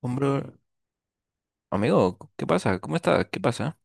Hombre, amigo, ¿qué pasa? ¿Cómo estás? ¿Qué pasa?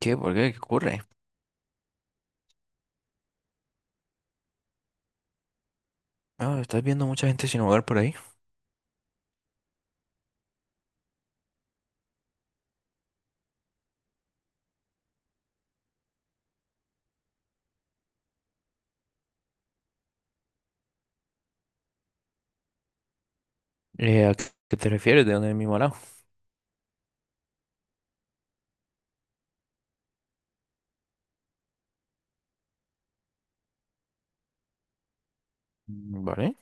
¿Qué? ¿Por qué? ¿Qué ocurre? Ah, ¿estás viendo mucha gente sin hogar por ahí? ¿A qué te refieres? ¿De dónde es mi morado? Mm, vale.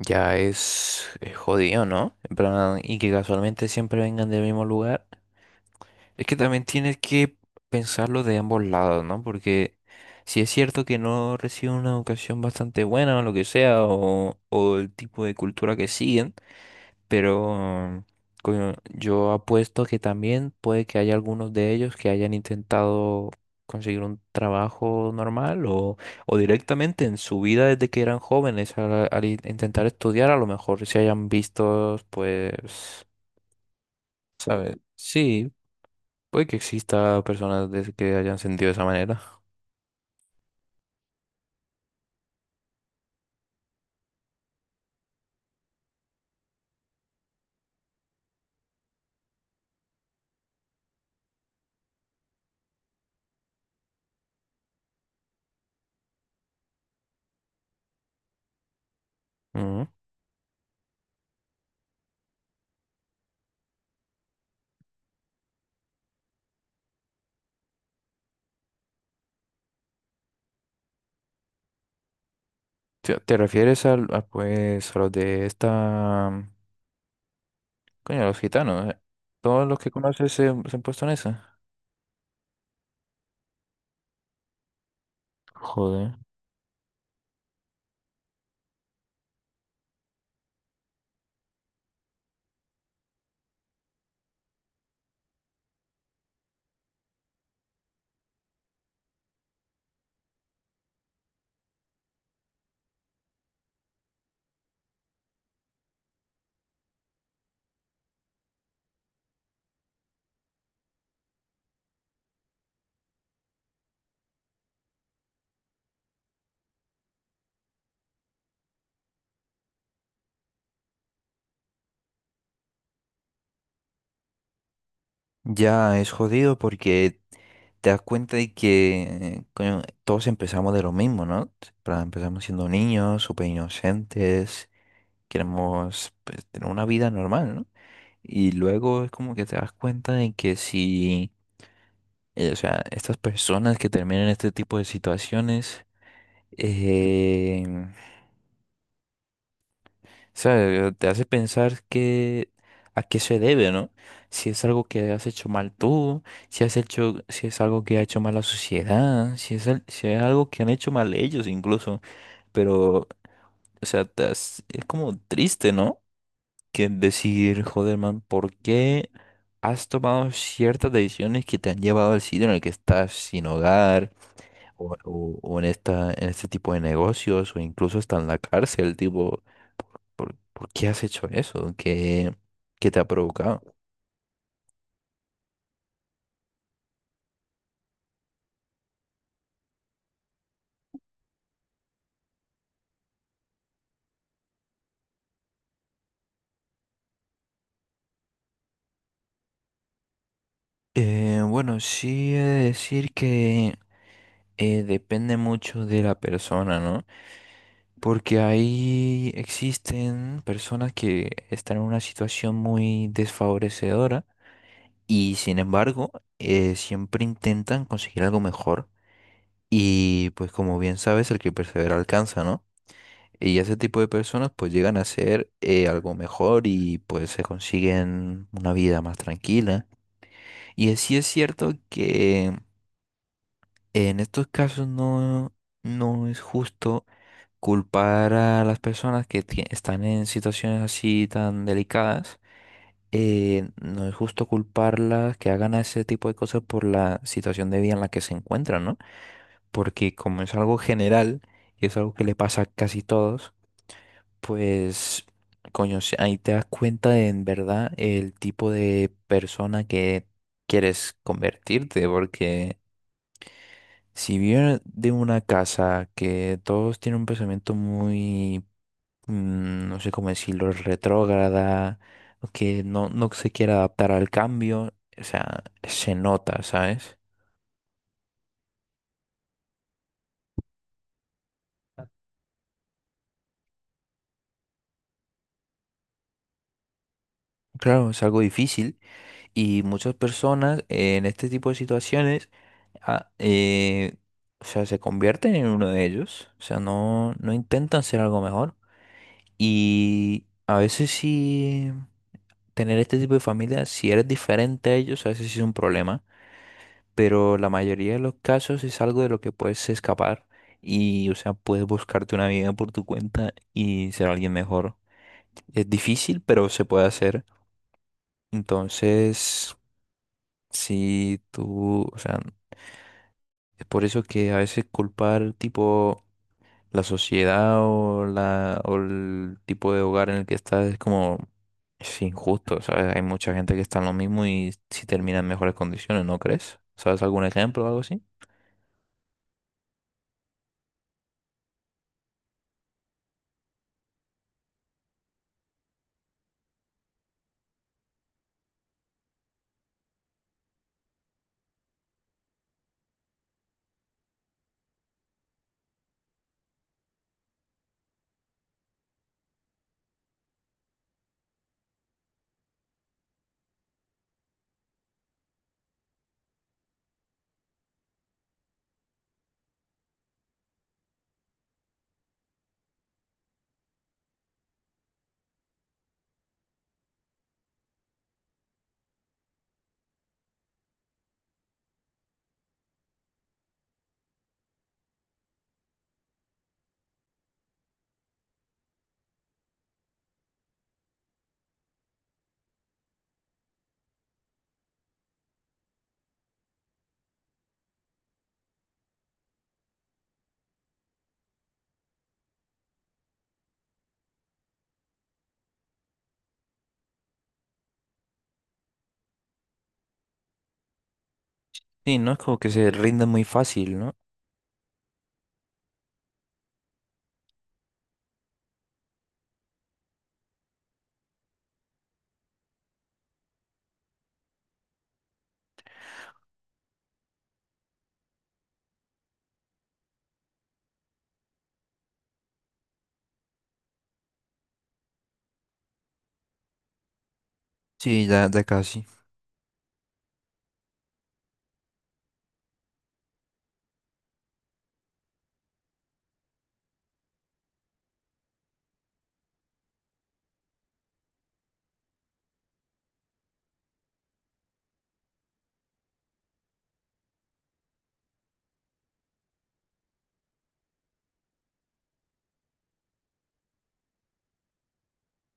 Ya es jodido, ¿no? En plan, y que casualmente siempre vengan del mismo lugar. Es que también tienes que pensarlo de ambos lados, ¿no? Porque si es cierto que no reciben una educación bastante buena o lo que sea, o el tipo de cultura que siguen. Pero coño, yo apuesto que también puede que haya algunos de ellos que hayan intentado conseguir un trabajo normal o directamente en su vida desde que eran jóvenes al intentar estudiar, a lo mejor se hayan visto, pues, ¿sabes? Sí, puede que exista que hayan sentido de esa manera. Ujú. ¿Te refieres a a los de esta... Coño, los gitanos, ¿eh? ¿Todos los que conoces se han puesto en esa? Joder. Ya es jodido porque te das cuenta de que coño, todos empezamos de lo mismo, ¿no? Empezamos siendo niños, súper inocentes, queremos, pues, tener una vida normal, ¿no? Y luego es como que te das cuenta de que si, o sea, estas personas que terminan en este tipo de situaciones, eh, sea, te hace pensar que a qué se debe, ¿no? Si es algo que has hecho mal tú, si has hecho, si es algo que ha hecho mal la sociedad, si es, si es algo que han hecho mal ellos incluso. Pero, o sea, es como triste, ¿no? Que decir, joder, man, ¿por qué has tomado ciertas decisiones que te han llevado al sitio en el que estás sin hogar? O en esta, en este tipo de negocios, o incluso hasta en la cárcel, tipo, por qué has hecho eso? ¿Qué, qué te ha provocado? Bueno, sí he de decir que depende mucho de la persona, ¿no? Porque ahí existen personas que están en una situación muy desfavorecedora y sin embargo siempre intentan conseguir algo mejor y pues como bien sabes, el que persevera alcanza, ¿no? Y ese tipo de personas pues llegan a ser algo mejor y pues se consiguen una vida más tranquila. Y sí es cierto que en estos casos no, no es justo culpar a las personas que están en situaciones así tan delicadas. No es justo culparlas que hagan ese tipo de cosas por la situación de vida en la que se encuentran, ¿no? Porque como es algo general y es algo que le pasa a casi todos. Pues, coño, si ahí te das cuenta de, en verdad el tipo de persona que quieres convertirte, porque si vienes de una casa que todos tienen un pensamiento muy, no sé cómo decirlo, retrógrada, o que no, no se quiere adaptar al cambio, o sea, se nota, ¿sabes? Claro, es algo difícil. Y muchas personas en este tipo de situaciones, ah, eh, o sea, se convierten en uno de ellos, o sea, no, no intentan ser algo mejor. Y a veces sí, tener este tipo de familia, si eres diferente a ellos, a veces sí es un problema, pero la mayoría de los casos es algo de lo que puedes escapar y, o sea, puedes buscarte una vida por tu cuenta y ser alguien mejor. Es difícil, pero se puede hacer. Entonces, si tú, o sea, es por eso que a veces culpar tipo la sociedad o, la, o el tipo de hogar en el que estás es como es injusto, ¿sabes? Hay mucha gente que está en lo mismo y si termina en mejores condiciones, ¿no crees? ¿Sabes algún ejemplo o algo así? Sí, no es como que se rinde muy fácil, ¿no? Sí, ya, ya casi.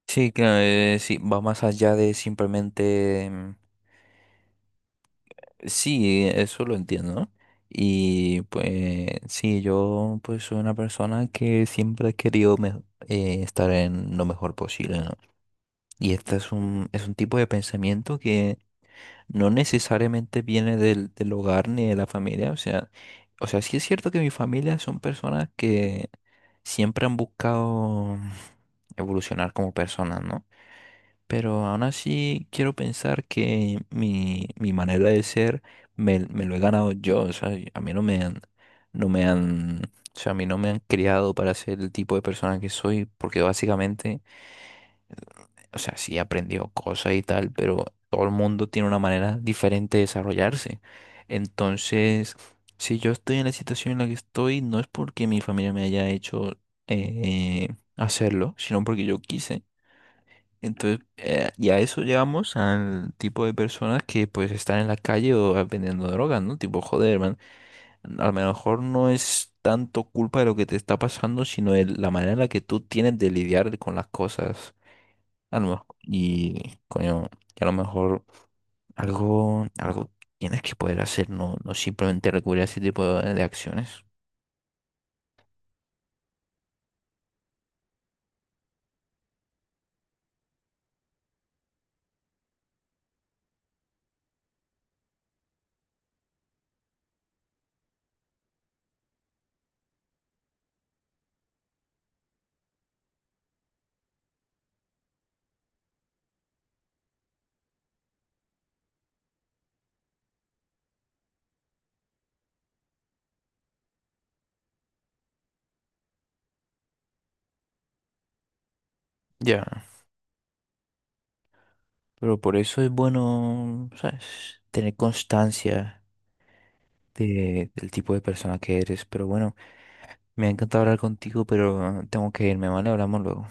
Sí, claro, sí, va más allá de simplemente sí, eso lo entiendo. Y pues sí, yo pues soy una persona que siempre he querido estar en lo mejor posible, ¿no? Y este es es un tipo de pensamiento que no necesariamente viene del hogar ni de la familia. O sea, sí es cierto que mi familia son personas que siempre han buscado evolucionar como personas, ¿no? Pero aún así quiero pensar que mi manera de ser me lo he ganado yo. O sea, a mí no me han, no me han, o sea, a mí no me han criado para ser el tipo de persona que soy, porque básicamente, o sea, sí he aprendido cosas y tal, pero todo el mundo tiene una manera diferente de desarrollarse. Entonces, si yo estoy en la situación en la que estoy, no es porque mi familia me haya hecho eh, hacerlo, sino porque yo quise. Entonces, y a eso llegamos al tipo de personas que pues están en la calle o vendiendo drogas, ¿no? Tipo, joder, man, a lo mejor no es tanto culpa de lo que te está pasando, sino de la manera en la que tú tienes de lidiar con las cosas. Y, coño, y a lo mejor algo, algo tienes que poder hacer, no, no simplemente recurrir a ese tipo de acciones. Ya. Pero por eso es bueno, ¿sabes? Tener constancia del tipo de persona que eres. Pero bueno. Me ha encantado hablar contigo, pero tengo que irme, ¿vale? Hablamos luego.